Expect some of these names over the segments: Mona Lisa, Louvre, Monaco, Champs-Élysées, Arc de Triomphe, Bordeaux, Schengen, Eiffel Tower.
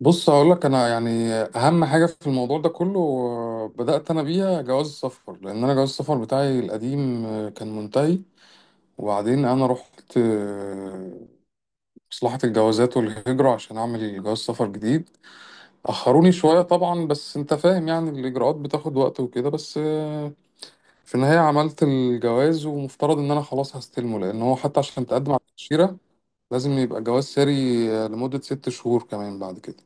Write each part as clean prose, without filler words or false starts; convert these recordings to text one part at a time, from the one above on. بص هقول لك انا يعني اهم حاجه في الموضوع ده كله، بدات انا بيها جواز السفر لان انا جواز السفر بتاعي القديم كان منتهي. وبعدين انا رحت مصلحه الجوازات والهجره عشان اعمل جواز سفر جديد. اخروني شويه طبعا، بس انت فاهم يعني الاجراءات بتاخد وقت وكده، بس في النهايه عملت الجواز، ومفترض ان انا خلاص هستلمه، لان هو حتى عشان تقدم على التاشيره لازم يبقى جواز ساري لمده 6 شهور كمان بعد كده.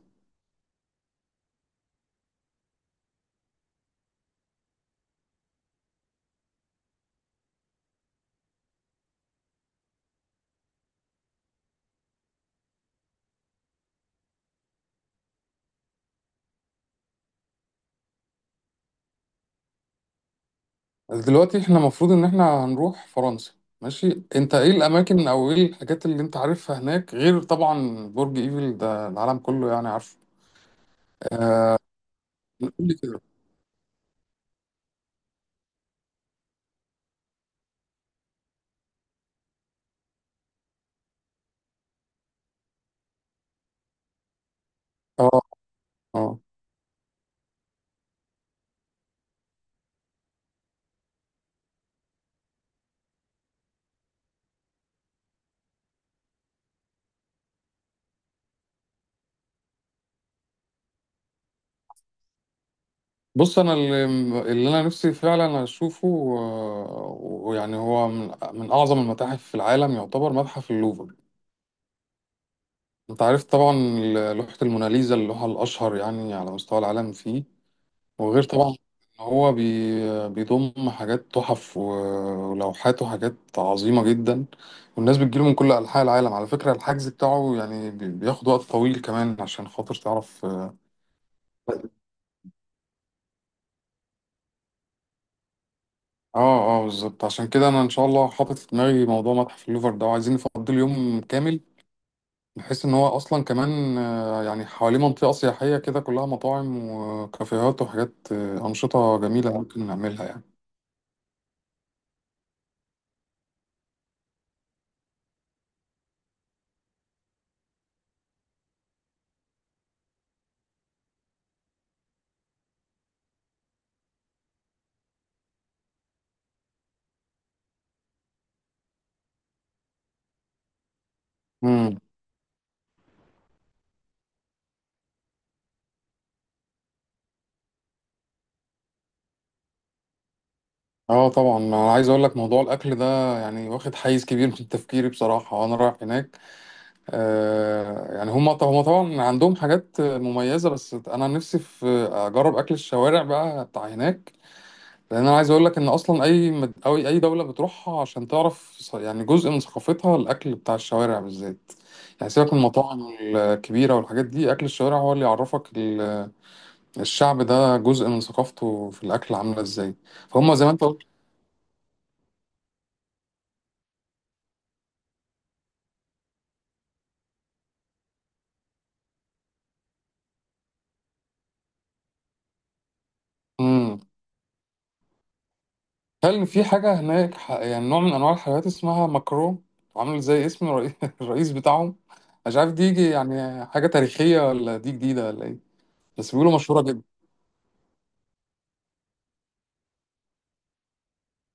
دلوقتي احنا المفروض ان احنا هنروح فرنسا. ماشي، انت ايه الاماكن او ايه الحاجات اللي انت عارفها هناك غير طبعا برج ايفل، ده العالم كله يعني عارفه؟ آه، قول لي كده. اه. اه. بص انا اللي انا نفسي فعلا اشوفه. ويعني هو من اعظم المتاحف في العالم يعتبر متحف اللوفر. انت عارف طبعا لوحة الموناليزا، اللوحة الاشهر يعني على مستوى العالم فيه. وغير طبعا ان هو بيضم حاجات تحف ولوحات وحاجات عظيمة جدا، والناس بتجيله من كل أنحاء العالم. على فكرة الحجز بتاعه يعني بياخد وقت طويل كمان، عشان خاطر تعرف. اه. اه، بالظبط. عشان كده انا ان شاء الله حاطط في دماغي موضوع متحف اللوفر ده، وعايزين نفضي يوم كامل، بحيث ان هو اصلا كمان يعني حواليه منطقة سياحية كده كلها مطاعم وكافيهات وحاجات، أنشطة جميلة ممكن نعملها. يعني اه طبعا، انا عايز اقول لك موضوع الاكل ده يعني واخد حيز كبير من تفكيري بصراحه وانا رايح هناك. آه يعني هم طبعا عندهم حاجات مميزه، بس انا نفسي في اجرب اكل الشوارع بقى بتاع هناك. لان انا عايز اقول لك ان اصلا اي او اي دوله بتروحها عشان تعرف يعني جزء من ثقافتها الاكل بتاع الشوارع بالذات. يعني سيبك من المطاعم الكبيره والحاجات دي، اكل الشوارع هو اللي يعرفك الشعب ده جزء من ثقافته في الاكل عامله ازاي. فهم زي ما انت قلت. هل في حاجة هناك يعني نوع من أنواع الحلويات اسمها مكرون، عامل زي اسم الرئيس بتاعهم؟ مش عارف دي يجي يعني حاجة تاريخية ولا دي جديدة ولا إيه، بس بيقولوا مشهورة جدا.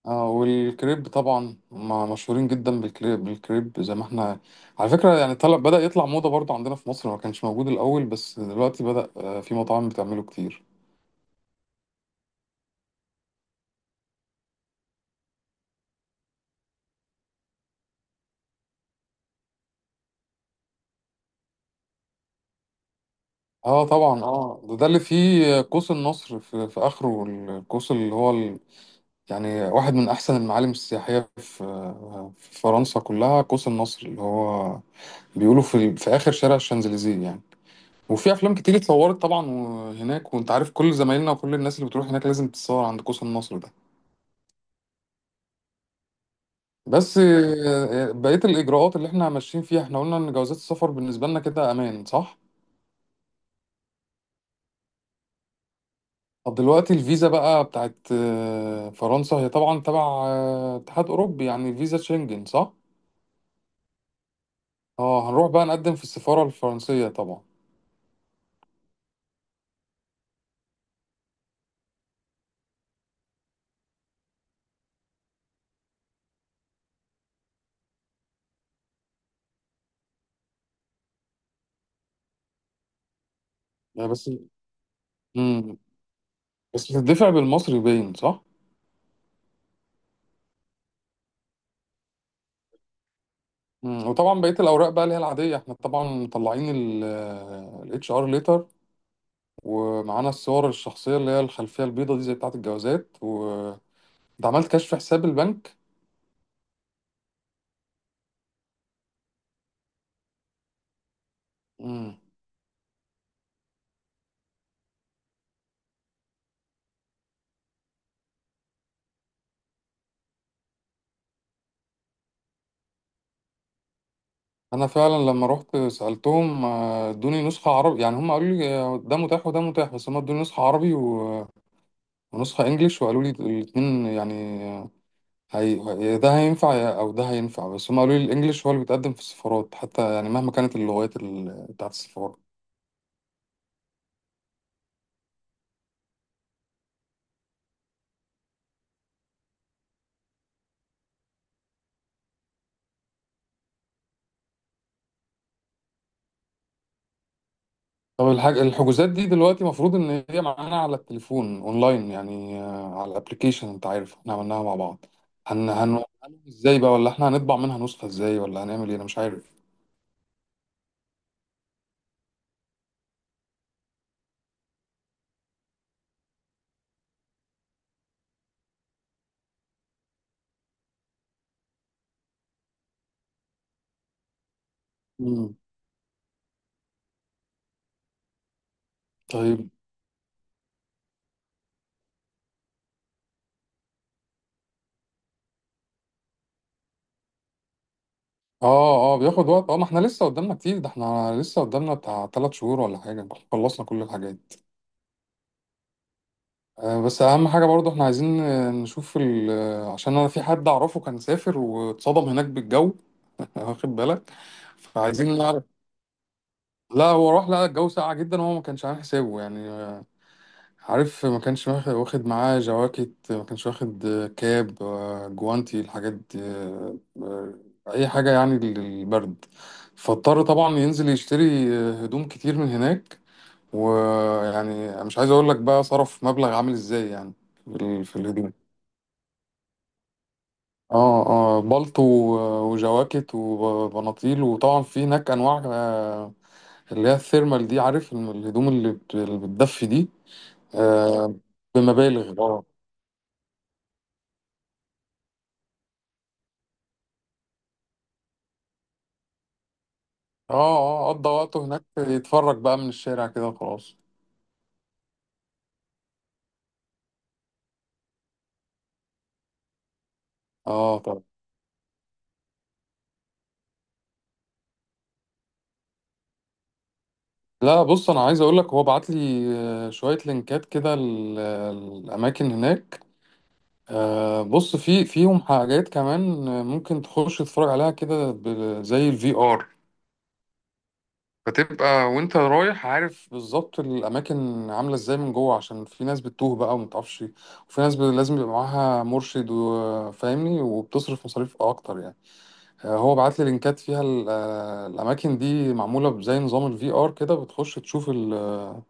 آه والكريب طبعا هما مشهورين جدا بالكريب. بالكريب زي ما احنا، على فكرة يعني طلب بدأ يطلع موضة برضو عندنا في مصر، ما كانش موجود الأول بس دلوقتي بدأ في مطاعم بتعمله كتير. اه طبعا. اه ده اللي فيه قوس النصر في اخره. القوس اللي هو يعني واحد من أحسن المعالم السياحية في فرنسا كلها، قوس النصر اللي هو بيقولوا في آخر شارع الشانزليزيه يعني. وفي أفلام كتير اتصورت طبعا هناك، وأنت عارف كل زمايلنا وكل الناس اللي بتروح هناك لازم تتصور عند قوس النصر ده. بس بقية الإجراءات اللي احنا ماشيين فيها، احنا قلنا إن جوازات السفر بالنسبة لنا كده أمان صح؟ طب دلوقتي الفيزا بقى بتاعت فرنسا، هي طبعا تبع اتحاد أوروبي، يعني فيزا شنجن صح؟ اه هنروح بقى نقدم في السفارة الفرنسية طبعا. يعني بس. امم. بس بتدفع بالمصري باين صح؟ امم. وطبعا بقية الأوراق بقى اللي هي العادية، احنا طبعا مطلعين ال اتش ار ليتر، ومعانا الصور الشخصية اللي هي الخلفية البيضة دي زي بتاعة الجوازات، و ده عملت كشف حساب البنك. امم. أنا فعلا لما رحت سألتهم، ادوني نسخة عربي، يعني هم قالوا لي ده متاح وده متاح، بس هم ادوني نسخة عربي ونسخة انجليش، وقالوا لي الاتنين يعني هي ده هينفع او ده هينفع، بس هم قالوا لي الانجليش هو اللي بيتقدم في السفارات حتى، يعني مهما كانت اللغات بتاعت السفارة. طب الحجوزات دي دلوقتي المفروض ان هي معانا على التليفون اونلاين، يعني على الابليكيشن. انت عارف احنا عملناها مع بعض. هن هن هنعمل ازاي بقى، ولا احنا هنطبع منها نسخة ازاي، ولا هنعمل ايه، انا مش عارف. مم. طيب. اه اه بياخد وقت، اه. ما احنا لسه قدامنا كتير، ده احنا لسه قدامنا بتاع 3 شهور ولا حاجة، خلصنا كل الحاجات. بس اهم حاجه برضه احنا عايزين نشوف ال... آه، عشان انا في حد اعرفه كان سافر واتصدم هناك بالجو واخد بالك. فعايزين نعرف. لا هو راح لقى الجو ساقع جدا وهو ما كانش عامل حسابه. يعني عارف ما كانش واخد معاه جواكت، ما كانش واخد كاب، جوانتي، الحاجات دي، اي حاجه يعني للبرد. فاضطر طبعا ينزل يشتري هدوم كتير من هناك. ويعني مش عايز اقول لك بقى صرف مبلغ عامل ازاي يعني، في في الهدوم. اه اه بلطو وجواكت وبناطيل. وطبعا في هناك انواع اللي هي الثيرمال دي، عارف الهدوم اللي اللي بتدفي دي. آه، بمبالغ، اه. اه اه قضى وقته هناك يتفرج بقى من الشارع كده وخلاص. اه طبعا. لا بص، انا عايز اقول لك هو بعت لي شوية لينكات كده الاماكن هناك. آه، بص في فيهم حاجات كمان ممكن تخش تتفرج عليها كده زي الفي ار، فتبقى وانت رايح عارف بالظبط الاماكن عامله ازاي من جوه، عشان في ناس بتتوه بقى وما تعرفش. وفي ناس لازم يبقى معاها مرشد وفاهمني وبتصرف مصاريف اكتر يعني. آه، هو بعت لي لينكات فيها الاماكن دي معموله بزي نظام الفي ار كده،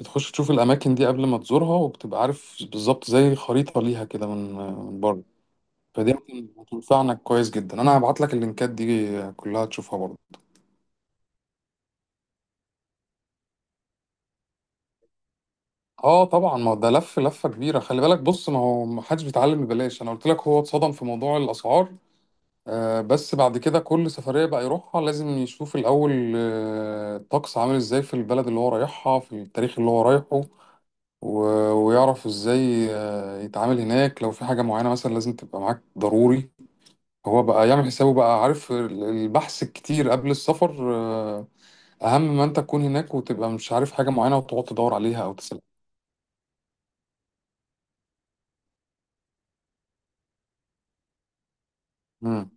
بتخش تشوف الاماكن دي قبل ما تزورها، وبتبقى عارف بالظبط زي خريطه ليها كده من من بره. فدي هتنفعنا كويس جدا. انا هبعت لك اللينكات دي كلها تشوفها برضه. اه طبعا، ما هو ده لف لفه كبيره، خلي بالك. بص ما هو ما حدش بيتعلم ببلاش، انا قلت لك هو اتصدم في موضوع الاسعار. آه بس بعد كده كل سفريه بقى يروحها لازم يشوف الاول آه الطقس عامل ازاي في البلد اللي هو رايحها في التاريخ اللي هو رايحه، ويعرف ازاي آه يتعامل هناك، لو في حاجه معينه مثلا لازم تبقى معاك ضروري. هو بقى يعمل حسابه بقى، عارف البحث الكتير قبل السفر آه. اهم ما انت تكون هناك وتبقى مش عارف حاجه معينه وتقعد تدور عليها او تسال. مم.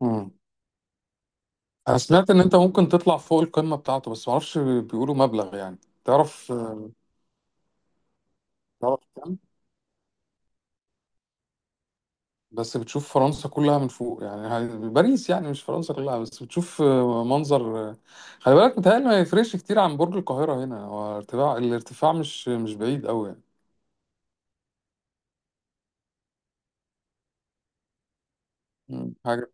مم. انا سمعت ان انت ممكن تطلع فوق القمة بتاعته، بس معرفش بيقولوا مبلغ يعني. تعرف. تعرف كام؟ بس بتشوف فرنسا كلها من فوق، يعني باريس يعني، مش فرنسا كلها، بس بتشوف منظر. خلي بالك متهيألي ما يفرقش كتير عن برج القاهرة هنا، هو ارتفاع الارتفاع مش بعيد قوي يعني. مم. حاجة.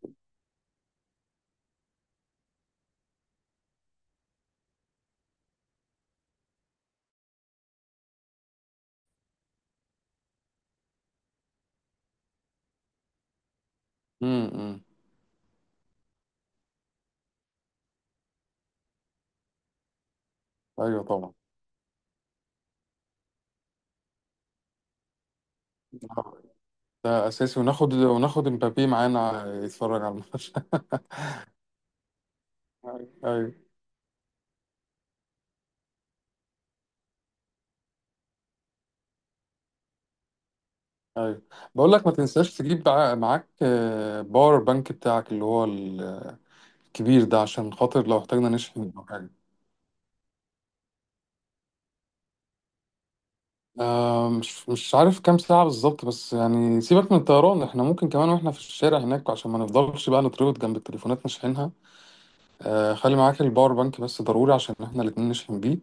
امم. ايوه طبعا. ده اساسي، وناخد مبابي معانا يتفرج على الماتش. ايوه. ايوه بقول لك ما تنساش تجيب معاك باور بانك بتاعك اللي هو الكبير ده عشان خاطر لو احتاجنا نشحن او حاجه. آه، مش عارف كام ساعه بالظبط، بس يعني سيبك من الطيران، احنا ممكن كمان واحنا في الشارع هناك عشان ما نفضلش بقى نتربط جنب التليفونات نشحنها. آه، خلي معاك الباور بانك بس ضروري عشان احنا الاتنين نشحن بيه.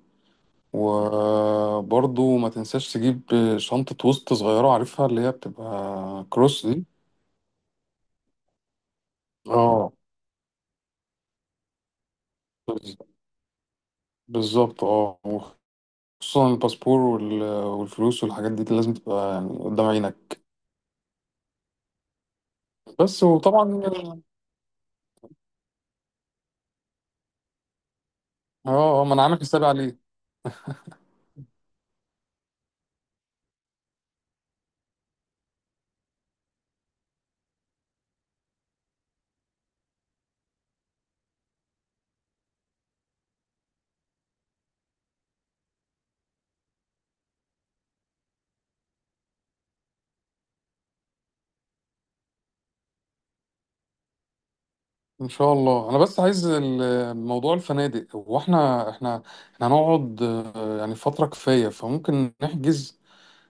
وبرضه ما تنساش تجيب شنطة وسط صغيرة عارفها، اللي هي بتبقى كروس دي. اه. بز- بالظبط اه. خصوصا الباسبور والفلوس والحاجات دي لازم تبقى يعني قدام عينك. بس. وطبعا اه، ما انا عامل حسابي عليه. ان شاء الله. انا بس عايز موضوع الفنادق. هو احنا احنا هنقعد يعني فترة كفاية، فممكن نحجز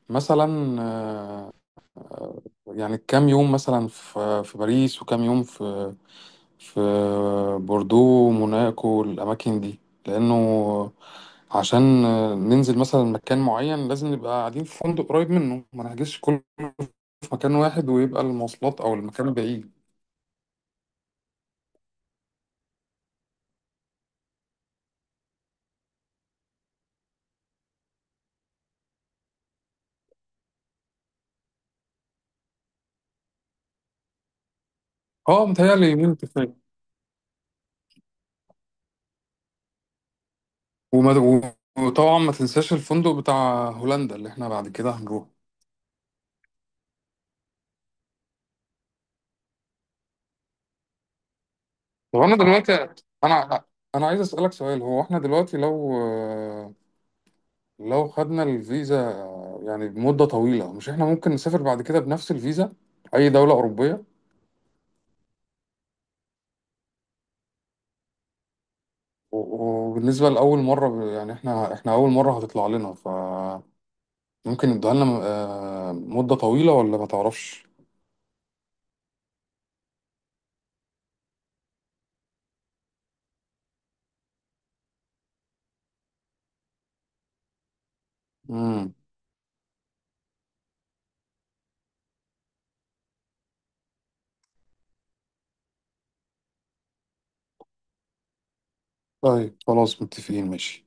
مثلا يعني كام يوم مثلا في باريس، وكام يوم في بوردو موناكو الأماكن دي. لأنه عشان ننزل مثلا مكان معين لازم نبقى قاعدين في فندق قريب منه، ما نحجزش كله في مكان واحد ويبقى المواصلات أو المكان بعيد. اه متهيألي يومين كفاية. وما- وطبعا ما تنساش الفندق بتاع هولندا اللي احنا بعد كده هنروح. طب انا دلوقتي، انا انا عايز اسالك سؤال. هو احنا دلوقتي لو خدنا الفيزا يعني بمدة طويلة، مش احنا ممكن نسافر بعد كده بنفس الفيزا أي دولة أوروبية؟ وبالنسبة لأول مرة، يعني احنا أول مرة هتطلع لنا، فممكن يدوها لنا مدة طويلة ولا ما تعرفش؟ مم. طيب خلاص متفقين، ماشي.